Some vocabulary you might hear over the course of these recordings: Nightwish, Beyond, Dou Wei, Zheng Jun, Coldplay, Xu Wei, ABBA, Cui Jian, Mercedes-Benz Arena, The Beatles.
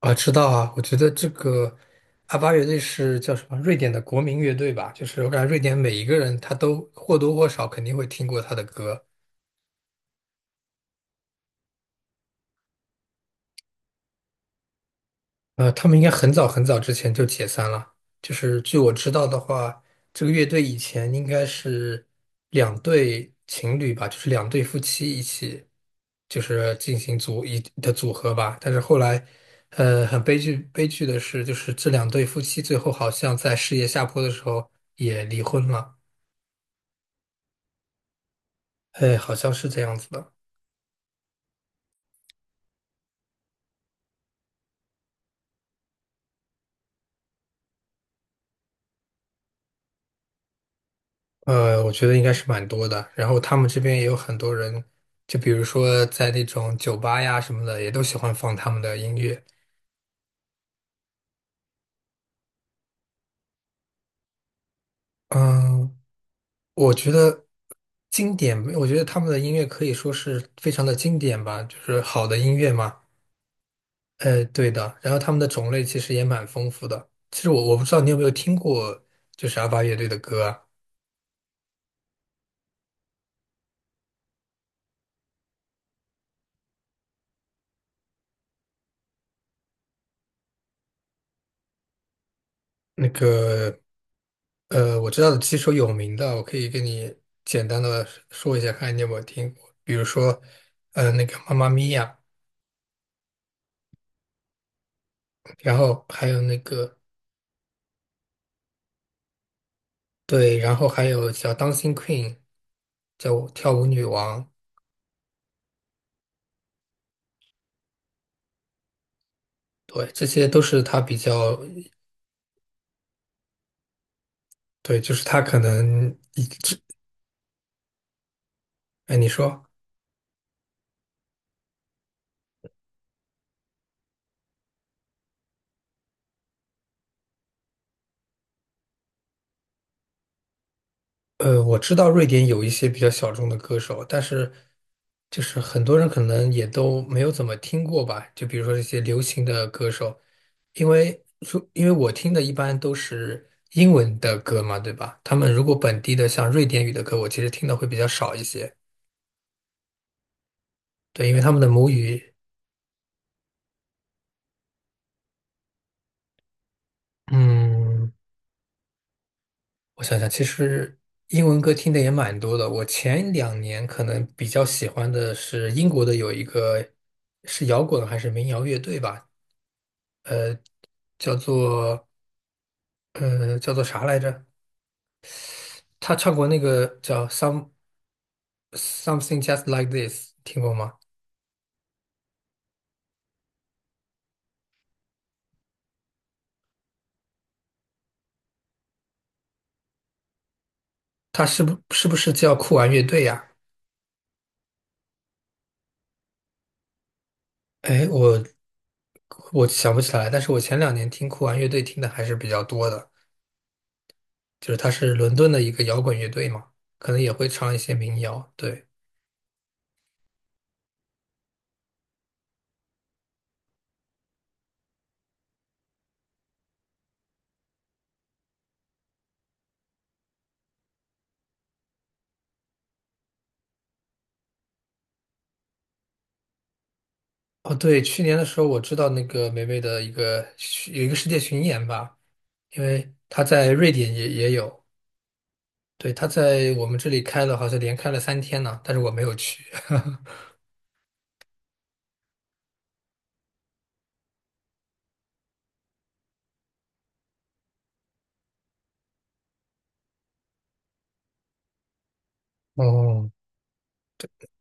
啊，知道啊。我觉得这个阿巴乐队是叫什么？瑞典的国民乐队吧？就是我感觉瑞典每一个人他都或多或少肯定会听过他的歌。他们应该很早很早之前就解散了。就是据我知道的话，这个乐队以前应该是两对情侣吧，就是两对夫妻一起，就是进行组一的组合吧。但是后来，很悲剧的是，就是这两对夫妻最后好像在事业下坡的时候也离婚了。哎，好像是这样子的。我觉得应该是蛮多的。然后他们这边也有很多人，就比如说在那种酒吧呀什么的，也都喜欢放他们的音乐。嗯，我觉得经典，我觉得他们的音乐可以说是非常的经典吧，就是好的音乐嘛。对的。然后他们的种类其实也蛮丰富的。其实我不知道你有没有听过，就是阿巴乐队的歌啊，那个。我知道的几首有名的，我可以跟你简单的说一下，看你有没有听过。比如说，那个《妈妈咪呀》，然后还有那个对，然后还有叫《当心 Queen》,叫跳舞女王，对，这些都是他比较对，就是他可能一直，哎，你说。我知道瑞典有一些比较小众的歌手，但是就是很多人可能也都没有怎么听过吧。就比如说这些流行的歌手，因为我听的一般都是英文的歌嘛，对吧？他们如果本地的像瑞典语的歌，我其实听的会比较少一些。对，因为他们的母语，嗯，我想想，其实英文歌听的也蛮多的。我前两年可能比较喜欢的是英国的有一个是摇滚还是民谣乐队吧，叫做叫做啥来着？他唱过那个叫《Some Something Just Like This》,听过吗？他是不是叫酷玩乐队呀、哎，我想不起来，但是我前两年听酷玩乐队听的还是比较多的，就是他是伦敦的一个摇滚乐队嘛，可能也会唱一些民谣。对，哦对，去年的时候我知道那个霉霉的一个有一个世界巡演吧，因为他在瑞典也有。对，他在我们这里开了，好像连开了三天呢，但是我没有去。哦，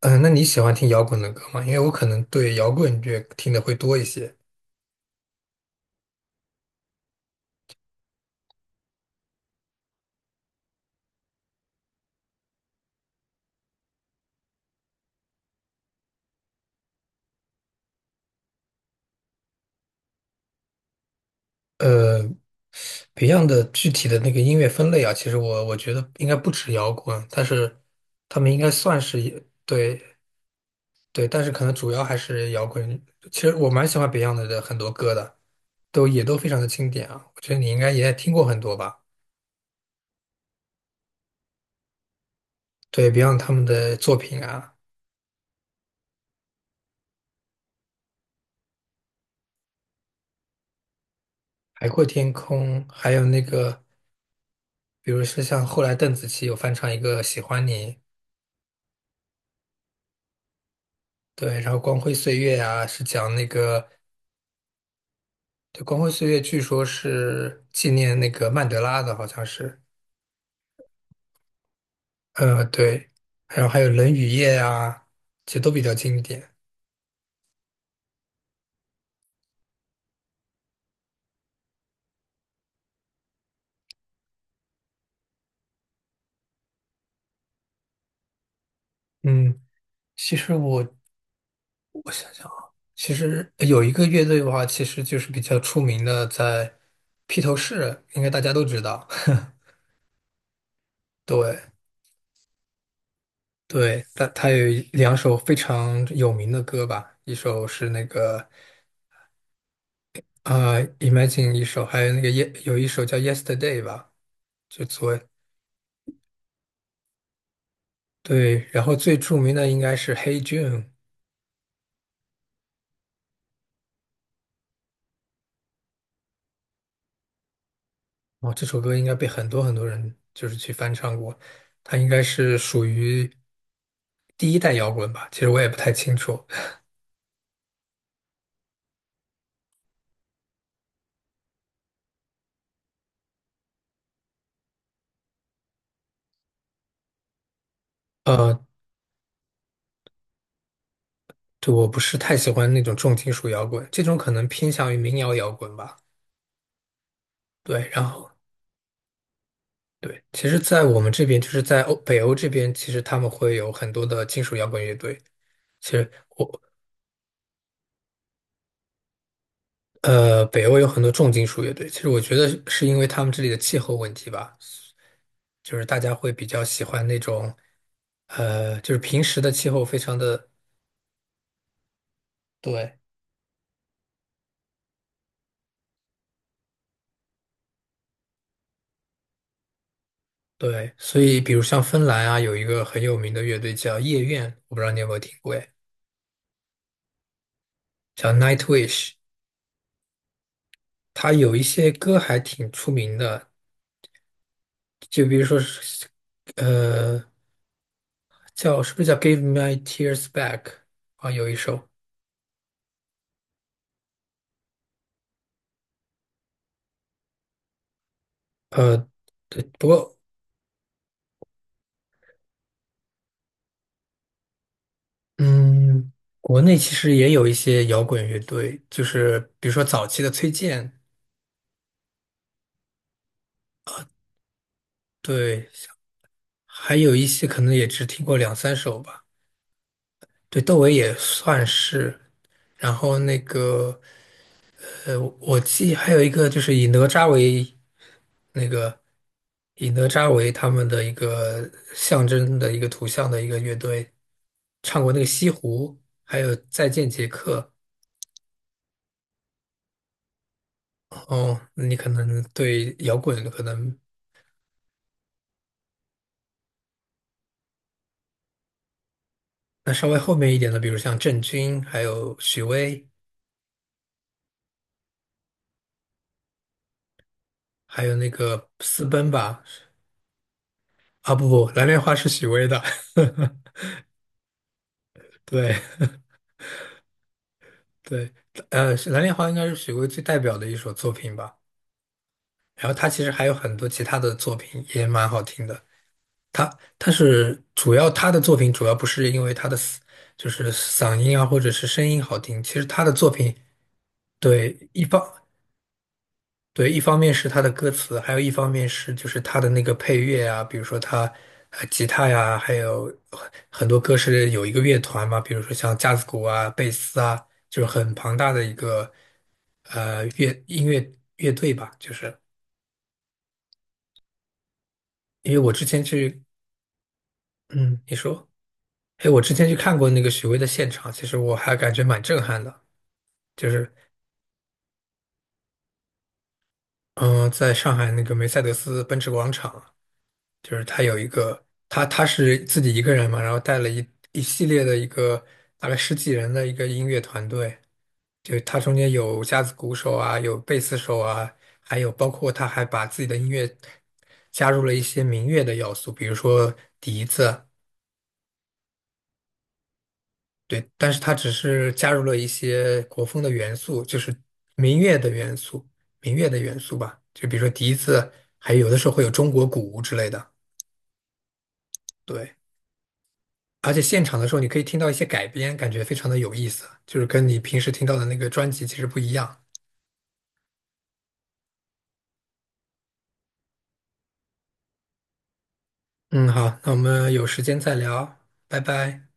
嗯，那你喜欢听摇滚的歌吗？因为我可能对摇滚乐听的会多一些。呃，Beyond 的具体的那个音乐分类啊，其实我觉得应该不止摇滚，但是他们应该算是一对对，但是可能主要还是摇滚。其实我蛮喜欢 Beyond 的很多歌的，都也都非常的经典啊。我觉得你应该也听过很多吧？对 Beyond 他们的作品啊。海阔天空，还有那个，比如说像后来邓紫棋有翻唱一个《喜欢你》，对，然后《光辉岁月》啊，是讲那个，对，《光辉岁月》据说是纪念那个曼德拉的，好像是，对，然后还有《冷雨夜》啊，其实都比较经典。嗯，其实我想想啊，其实有一个乐队的话，其实就是比较出名的，在披头士，应该大家都知道，对。对，他有两首非常有名的歌吧，一首是那个啊、Imagine》,一首还有那个耶，有一首叫《Yesterday》吧，就昨对，然后最著名的应该是《Hey Jude》,哦，这首歌应该被很多人就是去翻唱过，它应该是属于第一代摇滚吧，其实我也不太清楚，呃，对，我不是太喜欢那种重金属摇滚，这种可能偏向于民谣摇滚吧，对，然后。对，其实，在我们这边，就是在北欧这边，其实他们会有很多的金属摇滚乐队。其实我北欧有很多重金属乐队。其实我觉得是因为他们这里的气候问题吧，就是大家会比较喜欢那种就是平时的气候非常的对，对，所以比如像芬兰啊，有一个很有名的乐队叫夜愿，我不知道你有没有听过哎叫 Nightwish,它有一些歌还挺出名的，就比如说是，呃。叫是不是叫《Give My Tears Back》啊？有一首，呃，对，不过嗯，国内其实也有一些摇滚乐队，就是比如说早期的崔健，对，还有一些可能也只听过两三首吧。对，窦唯也算是，然后那个还有一个就是以哪吒为那个以哪吒为他们的一个象征的一个图像的一个乐队，唱过那个《西湖》，还有《再见杰克》。哦，你可能对摇滚可能那稍微后面一点的，比如像郑钧，还有许巍，还有那个私奔吧。啊，不不，蓝莲花是许巍的。对对，蓝莲花应该是许巍最代表的一首作品吧。然后他其实还有很多其他的作品也蛮好听的。他是主要他的作品主要不是因为他的嘶就是嗓音啊或者是声音好听，其实他的作品对，一方对，一方面是他的歌词，还有一方面是就是他的那个配乐啊，比如说他，吉他呀，还有很多歌是有一个乐团嘛，比如说像架子鼓啊、贝斯啊，就是很庞大的一个呃乐音乐乐队吧。就是因为我之前去，嗯，你说，哎，我之前去看过那个许巍的现场，其实我还感觉蛮震撼的，就是嗯、在上海那个梅赛德斯奔驰广场。就是他有一个，他他是自己一个人嘛，然后带了一系列的一个大概十几人的一个音乐团队，就他中间有架子鼓手啊，有贝斯手啊，还有包括他还把自己的音乐加入了一些民乐的要素，比如说笛子，对，但是他只是加入了一些国风的元素，就是民乐的元素，民乐的元素吧，就比如说笛子，还有的时候会有中国鼓之类的，对。而且现场的时候，你可以听到一些改编，感觉非常的有意思，就是跟你平时听到的那个专辑其实不一样。嗯，好，那我们有时间再聊，拜拜。